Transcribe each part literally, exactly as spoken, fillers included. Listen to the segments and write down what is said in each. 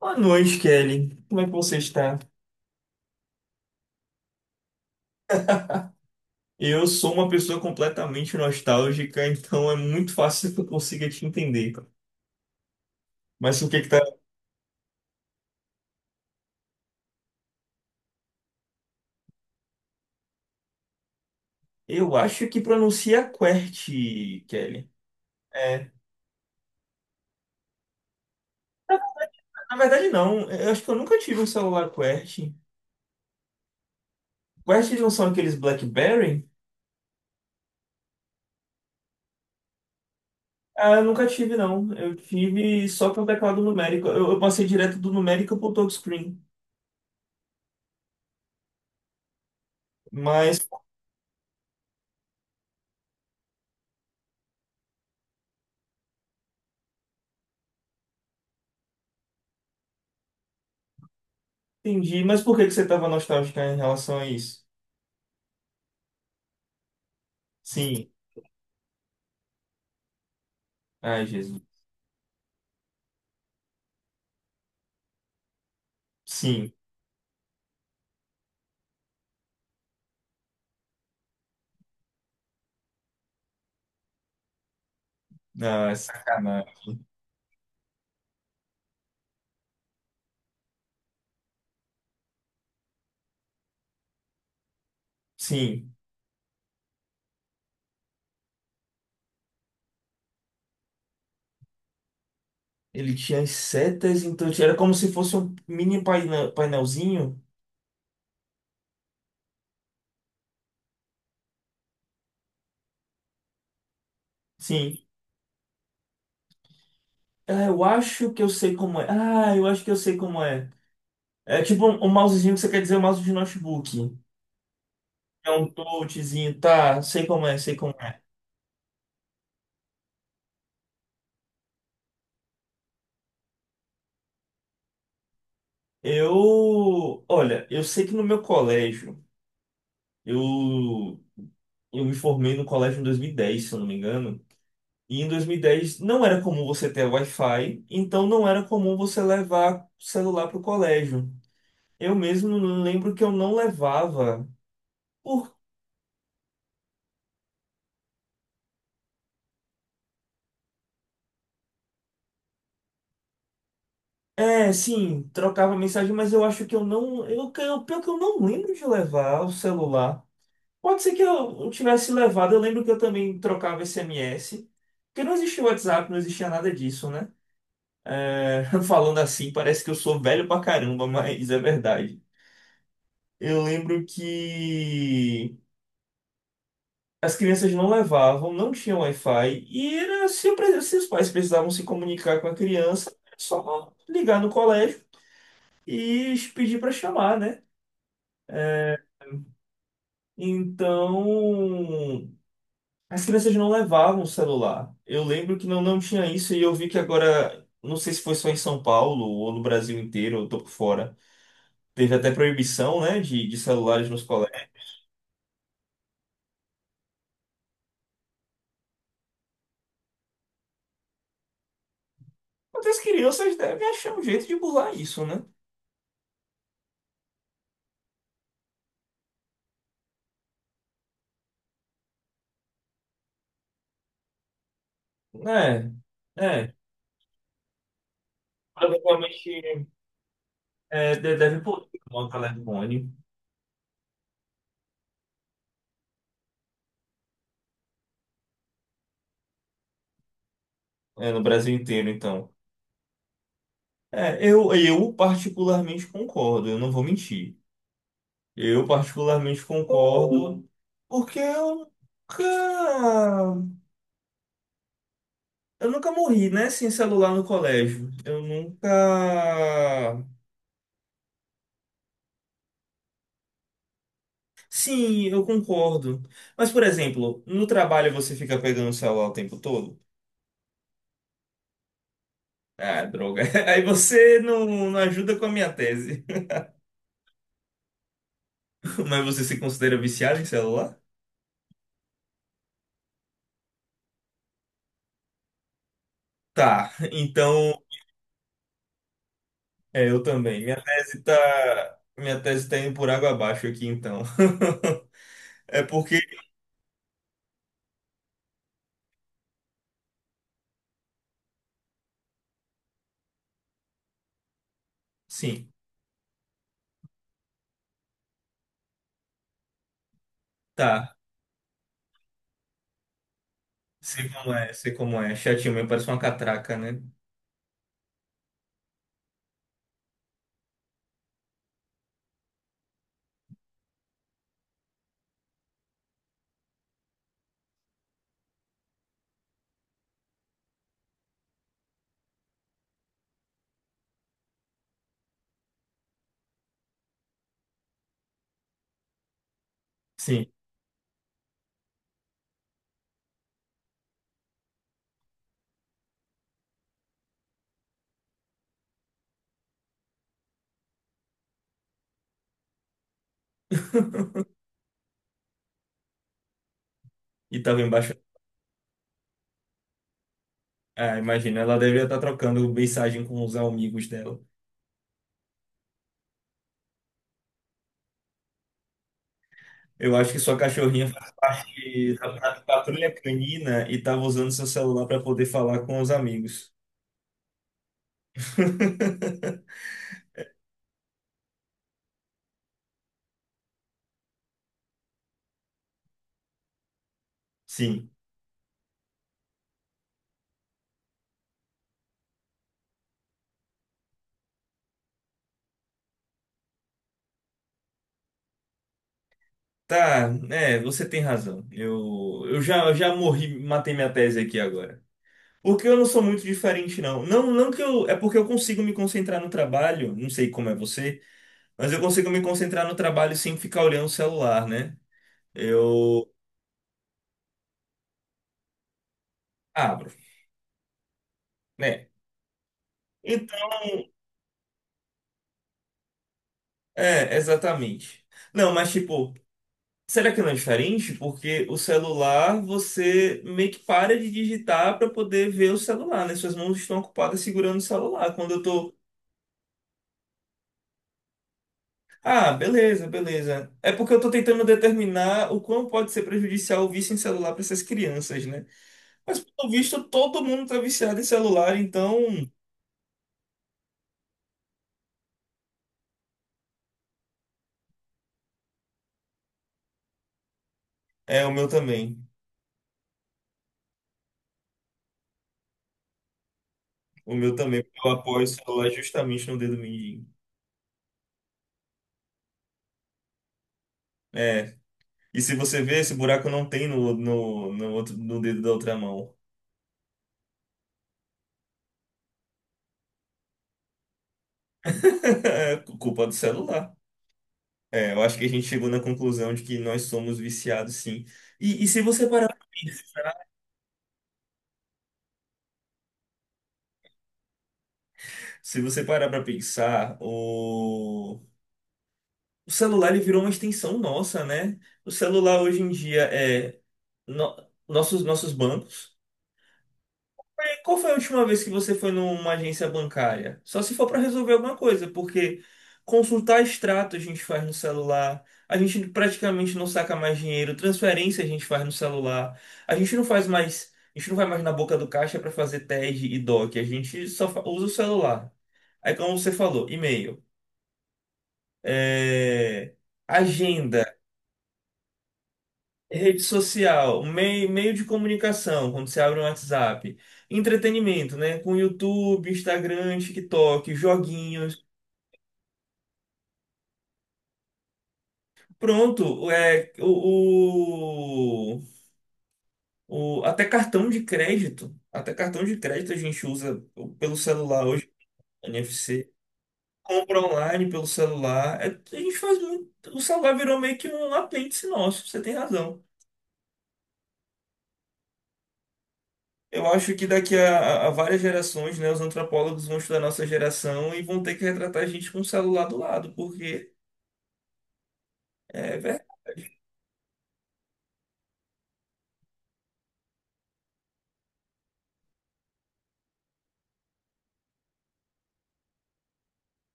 Boa noite, Kelly. Como é que você está? Eu sou uma pessoa completamente nostálgica, então é muito fácil que eu consiga te entender. Mas o que que tá? Eu acho que pronuncia QWERTY, Kelly. É. Na verdade, não. Eu acho que eu nunca tive um celular QWERTY. QWERTY não são aqueles BlackBerry? Ah, eu nunca tive, não. Eu tive só para o teclado numérico. Eu, eu passei direto do numérico para o touchscreen. Mas entendi. Mas por que que você estava nostálgica em relação a isso? Sim. Ai, Jesus. Sim. Ah, é sacanagem. Sim, ele tinha as setas, então tinha- era como se fosse um mini painel, painelzinho. Sim. Ah, eu acho que eu sei como é. Ah, eu acho que eu sei como é. É tipo um, um mousezinho que você quer dizer um mouse de notebook. É um touchzinho, tá? Sei como é, sei como é. Eu, olha, eu sei que no meu colégio, eu, eu me formei no colégio em dois mil e dez se eu não me engano. E em dois mil e dez não era comum você ter Wi-Fi, então não era comum você levar celular para o colégio. Eu mesmo lembro que eu não levava. Por... É, sim, trocava mensagem, mas eu acho que eu não. Eu, que eu- pior que eu não lembro de levar o celular. Pode ser que eu tivesse levado, eu lembro que eu também trocava S M S. Porque não existia WhatsApp, não existia nada disso, né? É, falando assim, parece que eu sou velho pra caramba, mas é verdade. Eu lembro que. As crianças não levavam, não tinha Wi-Fi, e era, se, eu pre- se os pais precisavam se comunicar com a criança, era só ligar no colégio e pedir para chamar, né? Então, as crianças não levavam o celular. Eu lembro que não, não tinha isso, e eu vi que agora, não sei se foi só em São Paulo ou no Brasil inteiro, eu tô por fora. Teve até proibição, né, de, de celulares nos colégios. Mas as crianças devem achar um jeito de burlar isso, né? É, é. Provavelmente. É, de- deve poder uma Caledônia é, no Brasil inteiro, então. É, eu, eu particularmente concordo, eu não vou mentir. Eu particularmente concordo porque eu nunca, eu nunca morri, né, sem celular no colégio. Eu nunca... Sim, eu concordo. Mas, por exemplo, no trabalho você fica pegando o celular o tempo todo? Ah, droga. Aí você não, não ajuda com a minha tese. Mas você se considera viciado em celular? Tá, então, é, eu também. Minha tese tá, minha tese tá indo por água abaixo aqui, então. É porque, sim, tá. Sei como é, sei como é. Chatinho mesmo, parece uma catraca, né? Sim. E tava embaixo. Ah, imagina, ela deveria estar trocando mensagem com os amigos dela. Eu acho que sua cachorrinha faz parte da da patrulha canina e tava usando seu celular para poder falar com os amigos. Sim. Tá, é, você tem razão. Eu, eu já, eu já morri, matei minha tese aqui agora. O que eu não sou muito diferente, não. Não, não que eu. É porque eu consigo me concentrar no trabalho, não sei como é você, mas eu consigo me concentrar no trabalho sem ficar olhando o celular, né? Eu abro, né? Então, é, exatamente. Não, mas tipo, será que não é diferente? Porque o celular, você meio que para de digitar para poder ver o celular, né? Suas mãos estão ocupadas segurando o celular. Quando eu tô. Ah, beleza, beleza. É porque eu tô tentando determinar o quão pode ser prejudicial o vício em celular para essas crianças, né? Mas, pelo visto, todo mundo tá viciado em celular, então é o meu também. O meu também, porque eu apoio o celular justamente no dedo mindinho. É. E se você vê, esse buraco não tem no, no, no outro, no dedo da outra mão. É culpa do celular. É, eu acho que a gente chegou na conclusão de que nós somos viciados, sim. E, e se você parar, se você parar, para pensar, o O celular ele virou uma extensão nossa, né? O celular hoje em dia é no- nossos nossos bancos. E qual foi a última vez que você foi numa agência bancária? Só se for para resolver alguma coisa, porque consultar extrato a gente faz no celular, a gente praticamente não saca mais dinheiro, transferência a gente faz no celular, a gente não faz mais, a gente não vai mais na boca do caixa para fazer TED e DOC, a gente só fa- usa o celular. Aí como você falou, e-mail, é, agenda. Rede social, meio, meio de comunicação, quando você abre um WhatsApp. Entretenimento, né? Com YouTube, Instagram, TikTok, joguinhos. Pronto, é, o, o, o- até cartão de crédito. Até cartão de crédito a gente usa pelo celular hoje, N F C. Compra online pelo celular. É, a gente faz muito. O celular virou meio que um apêndice nosso, você tem razão. Eu acho que daqui a, a várias gerações, né, os antropólogos vão estudar nossa geração e vão ter que retratar a gente com o celular do lado, porque é verdade.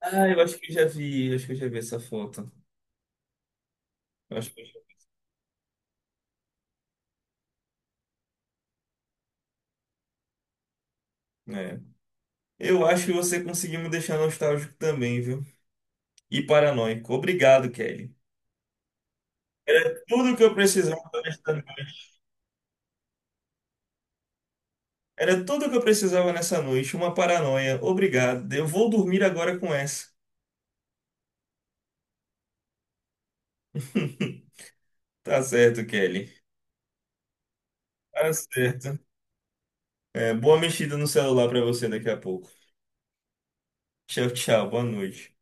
Ah, eu acho que eu já vi, eu acho que eu já vi essa foto. Eu acho que eu já- é. Eu acho que você conseguiu me deixar nostálgico também, viu? E paranoico. Obrigado, Kelly. Era tudo que eu precisava nessa noite. Era tudo que eu precisava nessa noite, uma paranoia. Obrigado. Eu vou dormir agora com essa. Tá certo, Kelly. Tá certo. É, boa mexida no celular pra você daqui a pouco. Tchau, tchau. Boa noite.